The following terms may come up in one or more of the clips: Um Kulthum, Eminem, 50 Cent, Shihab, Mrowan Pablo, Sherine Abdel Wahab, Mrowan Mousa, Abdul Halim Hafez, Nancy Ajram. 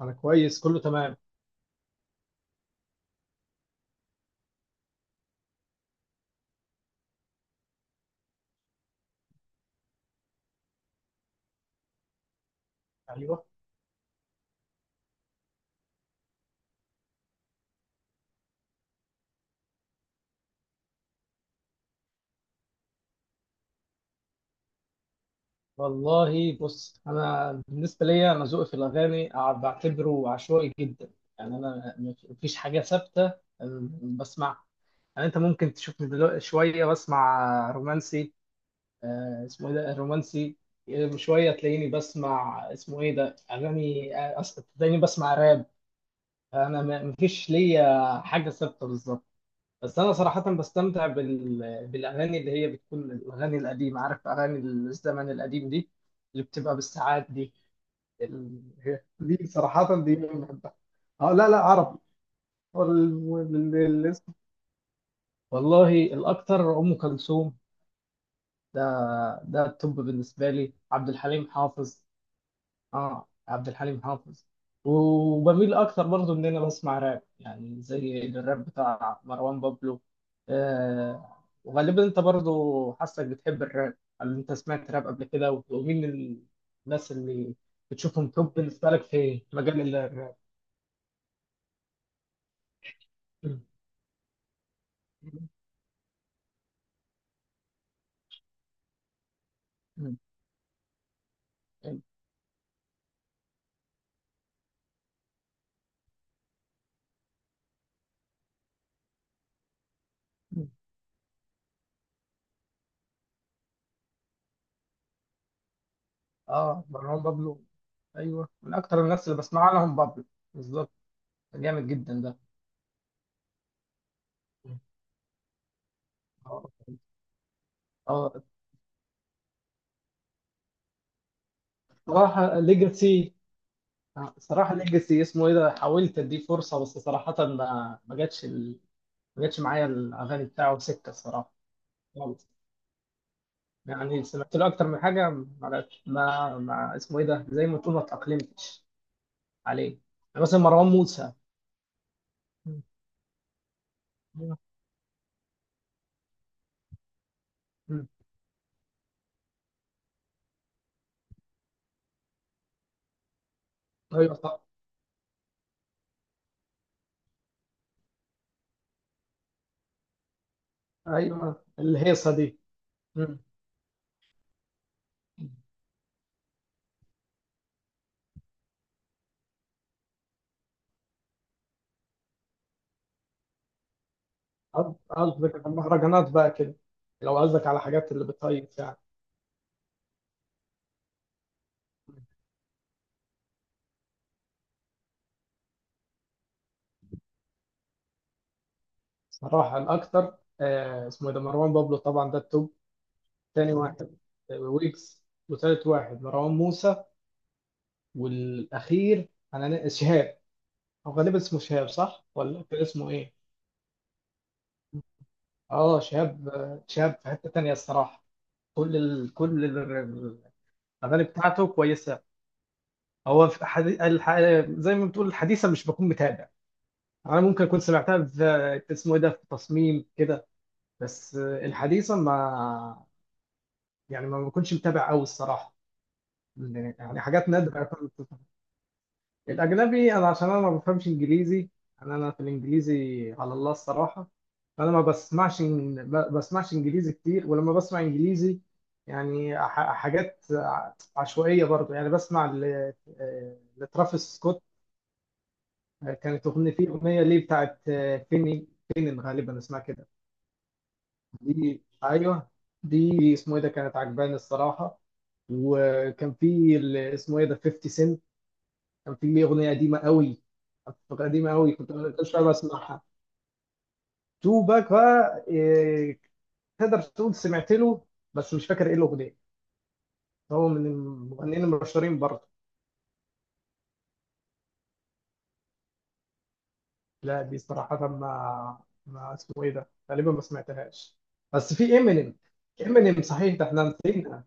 انا كويس، كله تمام. ايوه. والله، بص، انا بالنسبه ليا انا ذوقي في الاغاني بعتبره عشوائي جدا. يعني انا مفيش حاجه ثابته. بسمعها. يعني انت ممكن تشوفني دلوقتي شويه بسمع رومانسي. اسمه ايه ده رومانسي. شويه تلاقيني بسمع اسمه ايه ده اغاني، تلاقيني بسمع راب. انا مفيش ليا حاجه ثابته بالظبط. بس انا صراحه بستمتع بالاغاني اللي هي بتكون الاغاني القديمه، عارف، اغاني الزمن القديم دي، اللي بتبقى بالساعات دي. دي صراحه دي أنا بحبها. اه، لا لا، عربي. الاسم. والله الاكتر ام كلثوم. ده ده التوب بالنسبه لي. عبد الحليم حافظ. اه، عبد الحليم حافظ. وبميل اكتر برضو ان انا بسمع راب، يعني زي الراب بتاع مروان بابلو. وغالبا انت برضو حاسك بتحب الراب. هل انت سمعت راب قبل كده و- ومين الناس اللي بتشوفهم توب بالنسبه لك في مجال الراب؟ م- م- م- م. اه، مروان بابلو. ايوه، من اكتر الناس اللي بسمع لهم بابلو. بالظبط. جامد جدا ده. م. اه. آه، بصراحه ليجاسي. صراحة ليجاسي، اسمه ايه ده، حاولت اديه فرصة، بس صراحة ما جاتش ما جاتش معايا الاغاني بتاعه سكة الصراحة خالص. يعني سمعت له اكتر من حاجة، ما جاتش، ما اسمه ايه ده، زي ما تقول، ما تأقلمتش عليه. يعني مثلا مروان موسى. مم. مم. ايوه، صح. ايوه، الهيصة دي. مم. قصدك على المهرجانات بقى كده؟ لو قصدك على حاجات اللي بتهيص يعني. صراحة الأكتر، اسمه إيه ده، مروان بابلو. طبعا ده التوب. تاني واحد ويجز. وتالت واحد مروان موسى. والأخير، أنا شهاب. أو غالبا اسمه شهاب، صح؟ ولا كان اسمه إيه؟ شهاب. شهاب في حتة تانية الصراحة. كل ال... كل ال- الأغاني بتاعته كويسة. هو في زي ما بتقول الحديثة مش بكون متابع. أنا ممكن أكون سمعتها في اسمه إيه ده، في تصميم كده. بس الحديثة، ما يعني ما بكونش متابع أوي الصراحة. يعني حاجات نادرة. الأجنبي أنا عشان أنا ما بفهمش إنجليزي. أنا في الإنجليزي على الله الصراحة. فأنا ما بسمعش إنجليزي كتير. ولما بسمع إنجليزي، يعني حاجات عشوائية برضو. يعني بسمع لترافيس سكوت. كانت أغنية فيه، أغنية ليه بتاعت فيني، فينن غالبا اسمها كده. دي، أيوه، دي اسمه إيه ده كانت عجباني الصراحة. وكان في اسمه إيه ده 50 سنت. كان في ليه أغنية قديمة قوي، قديمة قوي كنت كل شوية بسمعها. تو باك بقى، إيه، تقدر تقول سمعت له، بس مش فاكر إيه الأغنية. هو من المغنيين المشهورين برضه. لا دي صراحة ما اسمه إيه ده غالبا ما سمعتهاش. بس في إمينيم. صحيح ده إحنا نسينا.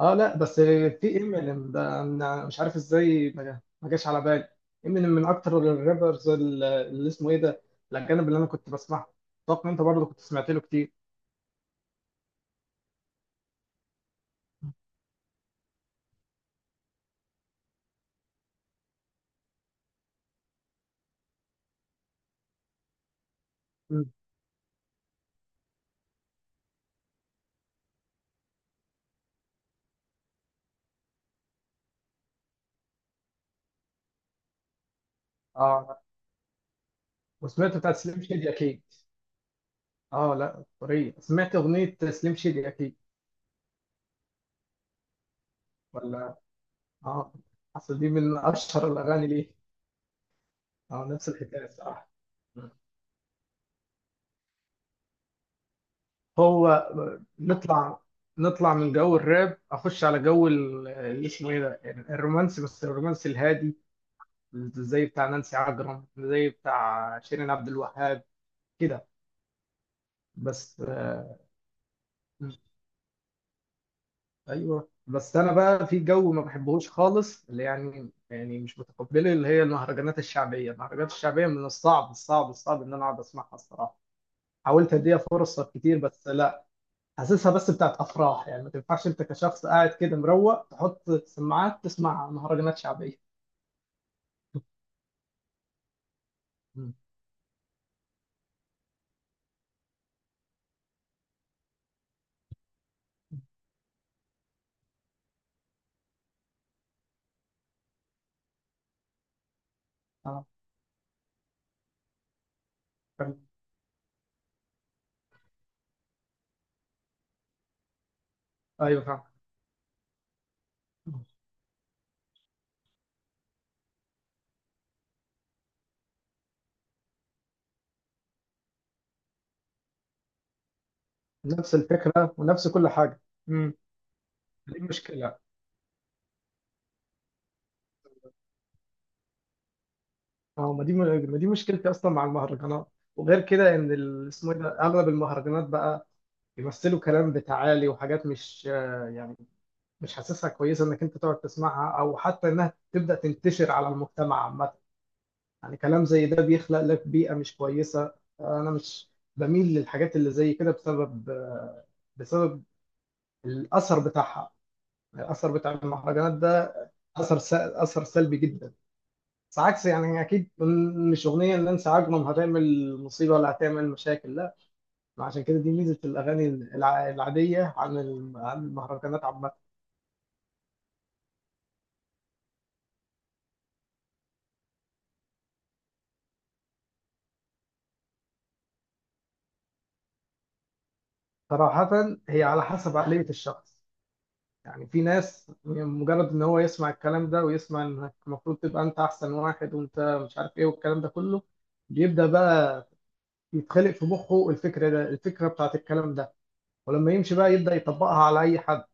أه لا، بس في إمينيم ده أنا مش عارف إزاي ما جاش على بالي. إمينيم من أكتر الرابرز اللي اسمه إيه ده، الأجانب اللي أنا كنت بسمعهم. أتوقع إن أنت برضه كنت سمعت له كتير. مم. اه. وسمعت بتاعت سليم شادي اكيد. اه، لا طريقة، سمعت اغنية سليم شادي اكيد، ولا؟ اه. اصل دي من اشهر الاغاني ليه. اه، نفس الحكاية الصراحة. مم. هو نطلع نطلع من جو الراب، اخش على جو اللي اسمه ايه ده، يعني الرومانسي، بس الرومانسي الهادي، زي بتاع نانسي عجرم، زي بتاع شيرين عبد الوهاب كده. بس آه، ايوه، بس انا بقى في جو ما بحبهوش خالص، اللي يعني مش متقبله، اللي هي المهرجانات الشعبيه. المهرجانات الشعبيه من الصعب الصعب الصعب ان انا اقعد اسمعها الصراحه. حاولت اديها فرصه كتير، بس لا. حاسسها بس بتاعت افراح، يعني ما تنفعش انت كشخص قاعد كده مروق تحط سماعات تسمع مهرجانات شعبيه. مم. اه، فاهم. ايوه، فاهم. نفس الفكره ونفس كل حاجه. امم دي مشكله. اه، ما دي مشكلتي اصلا مع المهرجانات. وغير كده ان اسمه ايه ده اغلب المهرجانات بقى بيمثلوا كلام بتعالي وحاجات مش، يعني، مش حاسسها كويسه انك انت تقعد تسمعها، او حتى انها تبدا تنتشر على المجتمع عامه. يعني كلام زي ده بيخلق لك بيئه مش كويسه. انا مش بميل للحاجات اللي زي كده بسبب، بسبب الاثر بتاعها، الاثر بتاع المهرجانات ده. اثر سلبي جدا. بس عكس يعني، اكيد مش اغنيه ان نانسي عجرم هتعمل مصيبه ولا هتعمل مشاكل، لا. عشان كده دي ميزه الاغاني العاديه عن المهرجانات عامه. صراحة هي على حسب عقلية الشخص. يعني في ناس مجرد ان هو يسمع الكلام ده ويسمع انك المفروض تبقى انت احسن واحد، وانت مش عارف ايه، والكلام ده كله بيبدأ بقى يتخلق في مخه الفكرة ده، الفكرة بتاعت الكلام ده. ولما يمشي بقى يبدأ يطبقها على اي حد.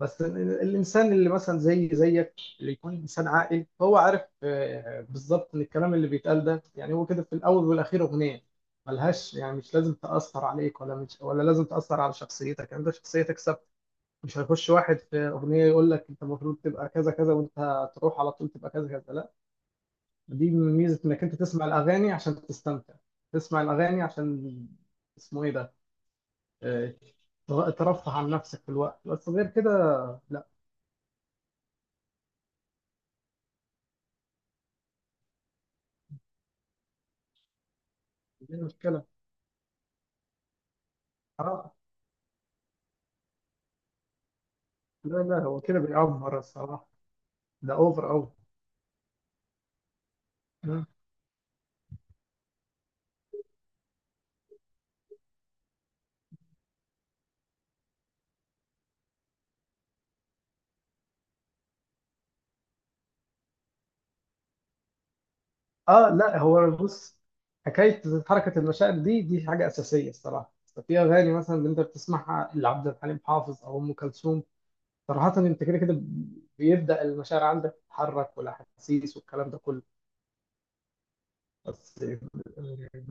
بس الانسان اللي مثلا زي زيك، اللي يكون انسان عاقل، هو عارف، بالظبط، ان الكلام اللي بيتقال ده يعني هو كده، في الاول والاخير اغنية. ملهاش، يعني مش لازم تأثر عليك، ولا مش ولا لازم تأثر على شخصيتك. يعني انت شخصيتك ثابتة. مش هيخش واحد في اغنيه يقول لك انت المفروض تبقى كذا كذا، وانت هتروح على طول تبقى كذا كذا، لا. دي ميزه انك انت تسمع الاغاني عشان تستمتع، تسمع الاغاني عشان، اسمه ايه ده، آه، ترفه عن نفسك في الوقت، بس غير كده لا. دي مشكله. اه لا، لا هو كده بيأفور الصراحه. ده اوفر قوي. اه. لا هو بص، حكايه حركه المشاعر دي، دي حاجه اساسيه الصراحه. في اغاني مثلا اللي انت بتسمعها لعبد الحليم حافظ او ام كلثوم، صراحة انت كده كده بيبدأ المشاعر عندك تتحرك والاحاسيس والكلام ده كله. بس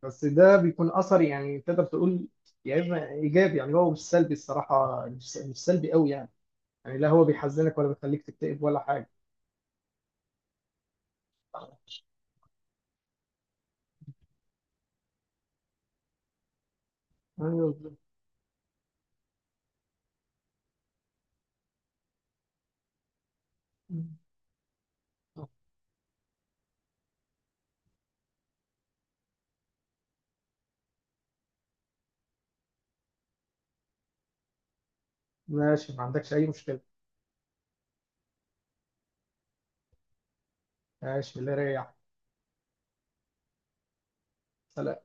بس ده بيكون اثر يعني، تقدر تقول يا اما ايجابي، يعني هو مش سلبي الصراحة، مش سلبي قوي يعني. يعني لا هو بيحزنك ولا بيخليك تكتئب ولا حاجة. ايوه، ماشي، ما عندكش اي مشكلة. ماشي، الله يريحك. سلام.